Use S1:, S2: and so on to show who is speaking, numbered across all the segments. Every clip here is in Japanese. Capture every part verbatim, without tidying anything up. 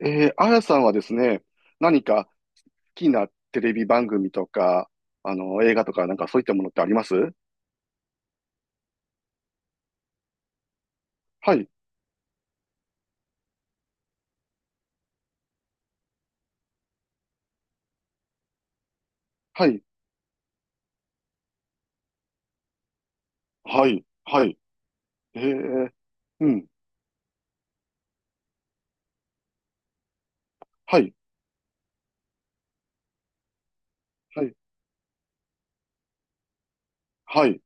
S1: えー、あやさんはですね、何か好きなテレビ番組とか、あの、映画とか、なんかそういったものってあります？はい、はい、はい、はい。えー、うん、はい、はい、はい。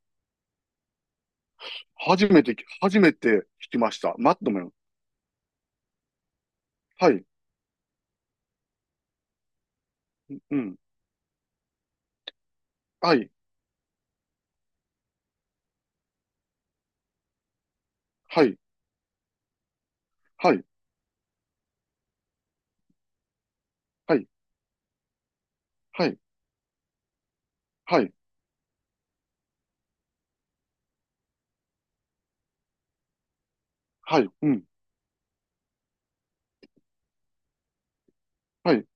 S1: 初めてき、初めて聞きました。マッドメン。はい、うん、はい、はい、はい、はい、はい、はい、はい、うん、はい、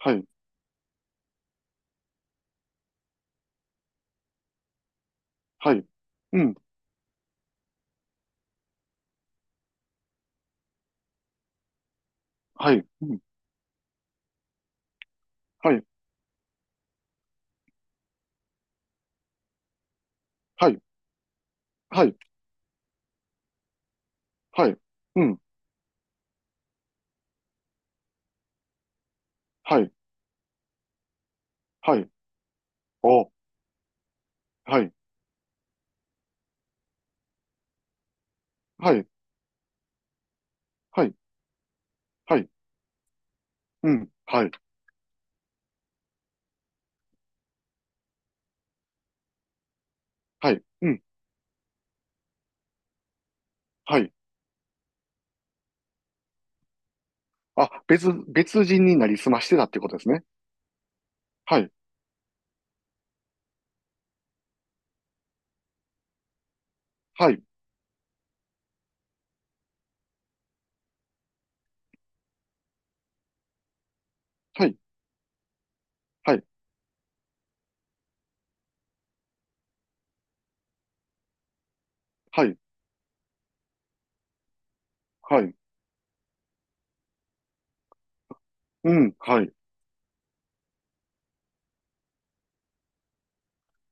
S1: はい、はい、うん、はい、うん、はい、はい、はい、はい、うん、はい、はい、お、はい、はい、はい、はい、うん。はい。はい。うん。はい。あ、別、別人になりすましてたってことですね。はい。はい。はい。はい。はい。はい。うん。はい。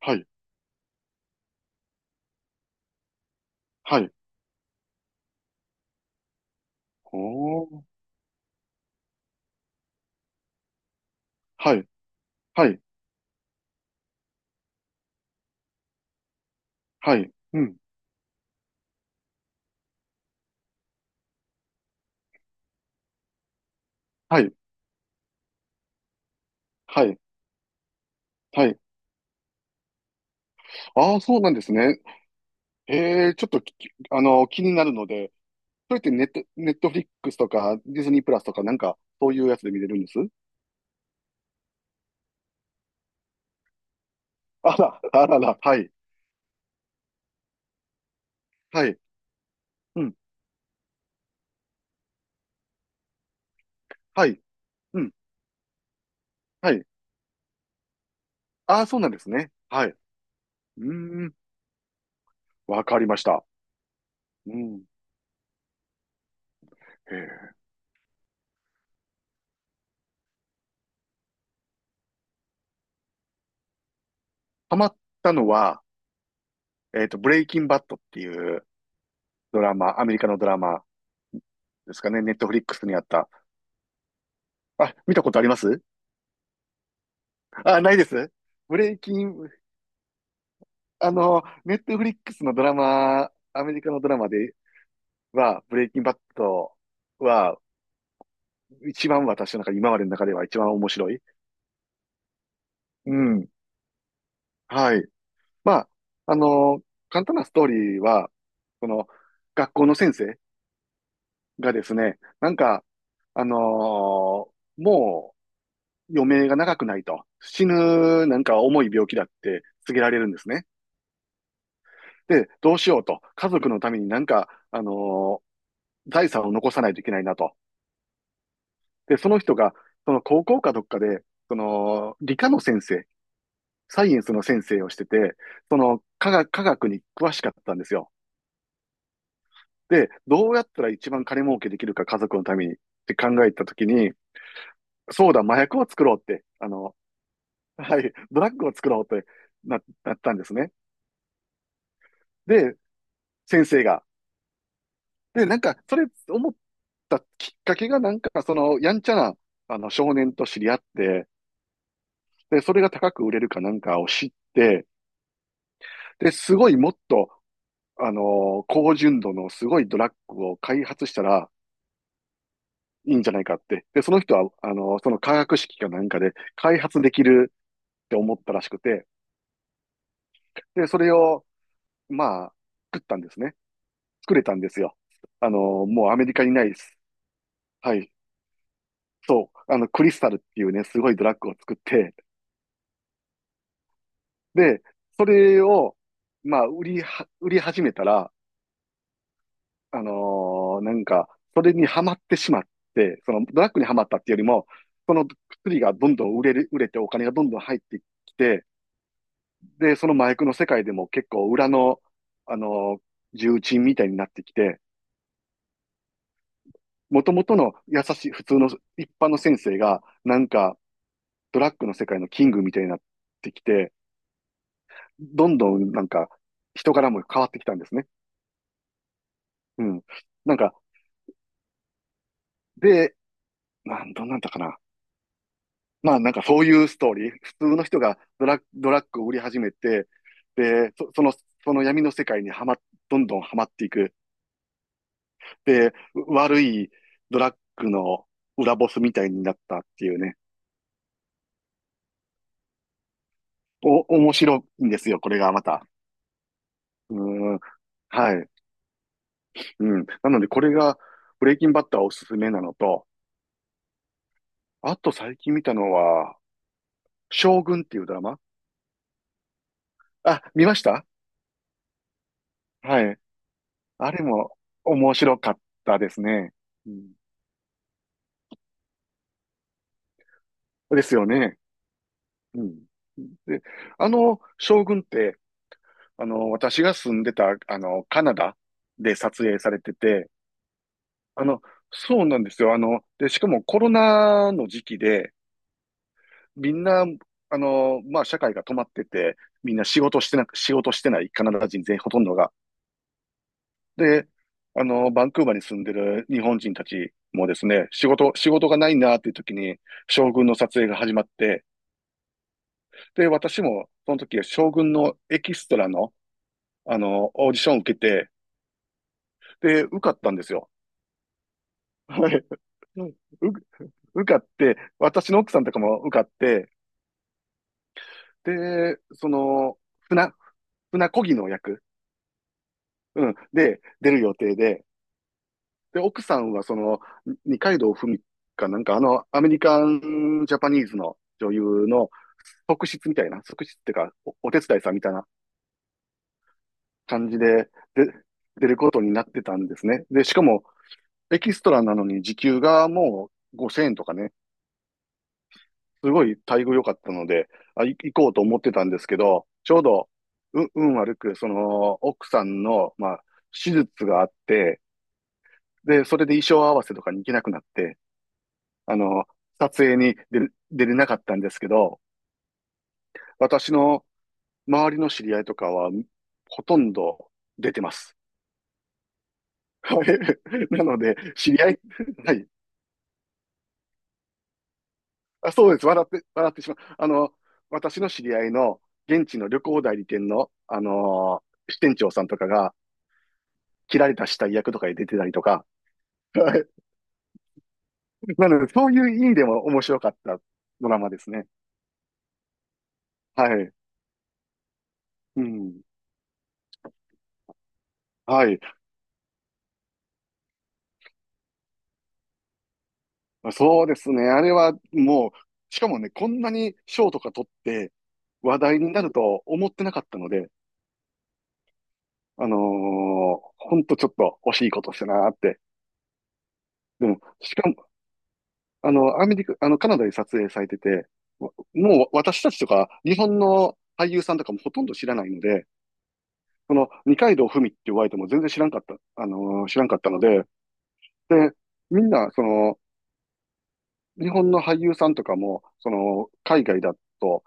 S1: はい。はい。おー。はい。はい。はい。うん。はい。はい。はい。ああ、そうなんですね。ええ、ちょっとき、あの、気になるので、それってネット、ネットフリックスとか、ディズニープラスとか、なんか、そういうやつで見れるんです？あら、あらら、はい。はい。うん。はい。うん。はい。ああ、そうなんですね。はい。うーん。わかりました。うん。へえ。ハマったのは、えっと、ブレイキンバットっていうドラマ、アメリカのドラマですかね。ネットフリックスにあった。あ、見たことあります？あ、ないです。ブレイキン、あの、ネットフリックスのドラマ、アメリカのドラマでは、ブレイキンバットは、一番私の中、今までの中では一番面白い。うん。はい。まあ、あの、簡単なストーリーは、この、学校の先生がですね、なんか、あのーもう余命が長くないと、死ぬなんか重い病気だって告げられるんですね。で、どうしようと、家族のためになんか、あのー財産を残さないといけないなと。で、その人が、その高校かどっかで、その、理科の先生、サイエンスの先生をしてて、その科学、科学に詳しかったんですよ。で、どうやったら一番金儲けできるか家族のためにって考えたときに、そうだ、麻薬を作ろうって、あのはい、ドラッグを作ろうってな、なったんですね。で、先生が。で、なんか、それ思ったきっかけが、なんか、その、やんちゃな、あの、少年と知り合って、で、それが高く売れるかなんかを知って、で、すごいもっと、あの、高純度のすごいドラッグを開発したらいいんじゃないかって。で、その人は、あの、その化学式かなんかで開発できるって思ったらしくて、で、それを、まあ、作ったんですね。作れたんですよ。あの、もうアメリカにない。はい。そう。あの、クリスタルっていうね、すごいドラッグを作って、で、それを、まあ、売りは、売り始めたら、あのーなんか、それにはまってしまって、そのドラッグにはまったっていうよりも、その薬がどんどん売れる、売れてお金がどんどん入ってきて、で、その麻薬の世界でも結構裏の、あのー重鎮みたいになってきて、元々の優しい普通の一般の先生が、なんか、ドラッグの世界のキングみたいになってきて、どんどんなんか人柄も変わってきたんですね。うん。なんか、で、なん、どんなんだったかな。まあなんかそういうストーリー。普通の人がドラッグ、ドラッグを売り始めて、で、そ、その、その闇の世界にはま、どんどんはまっていく。で、悪いドラッグの裏ボスみたいになったっていうね。お、面白いんですよ、これがまた。うん。はい。うん。なのでこれが、ブレイキンバッターおすすめなのと、あと最近見たのは、将軍っていうドラマ。あ、見ました。はい。あれも面白かったですね。うん、ですよね。うん。で、あの、将軍って、あの、私が住んでた、あの、カナダで撮影されてて、あの、そうなんですよ。あの、で、しかもコロナの時期で、みんな、あの、まあ、社会が止まってて、みんな仕事してなく、仕事してないカナダ人全員ほとんどが。で、あの、バンクーバーに住んでる日本人たちもですね、仕事、仕事がないなっていう時に、将軍の撮影が始まって、で、私もその時は将軍のエキストラの、あの、オーディションを受けて、で、受かったんですよ。はい。うんう受かって、私の奥さんとかも受かって、で、その、船、船漕ぎの役、うん、で、出る予定で、で、奥さんはその、二階堂ふみかなんか、あの、アメリカンジャパニーズの女優の側室みたいな、側室ってか、お、お手伝いさんみたいな感じで、で、出ることになってたんですね。で、しかも、エキストラなのに時給がもうごせんえんとかね、すごい待遇良かったので、あ、い行こうと思ってたんですけど、ちょうど、う、運悪く、その、奥さんの、まあ、手術があって、で、それで衣装合わせとかに行けなくなって、あの、撮影に出る出れなかったんですけど、私の周りの知り合いとかは、ほとんど出てます。はい。なので、知り合い、はい。あ、そうです。笑って、笑ってしまう。あの、私の知り合いの現地の旅行代理店の、あのー支店長さんとかが、切られた死体役とかに出てたりとか。はい。なので、そういう意味でも面白かったドラマですね。はい。うん。はい。そうですね。あれはもう、しかもね、こんなに賞とか取って話題になると思ってなかったので、あのーほんとちょっと惜しいことしたなーって。でも、しかも、あの、アメリカ、あの、カナダで撮影されてて、もう私たちとか、日本の俳優さんとかもほとんど知らないので、その、二階堂ふみって言われても全然知らんかった、あのー知らんかったので、で、みんな、その、日本の俳優さんとかも、その、海外だと、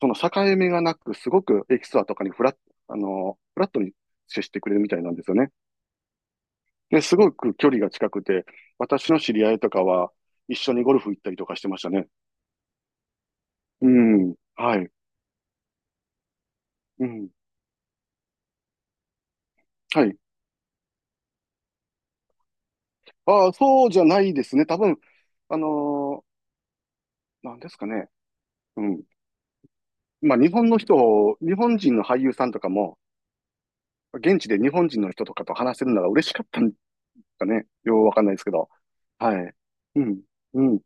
S1: その境目がなく、すごくエキストラとかにフラッ、あの、フラットに接してくれるみたいなんですよね。で、すごく距離が近くて、私の知り合いとかは一緒にゴルフ行ったりとかしてましたね。うん。はい。うん。はい。ああ、そうじゃないですね。多分、あのーなんですかね。うん。まあ、日本の人を、日本人の俳優さんとかも、現地で日本人の人とかと話せるのが嬉しかったんですかね。ようわかんないですけど。はい。うん。うん。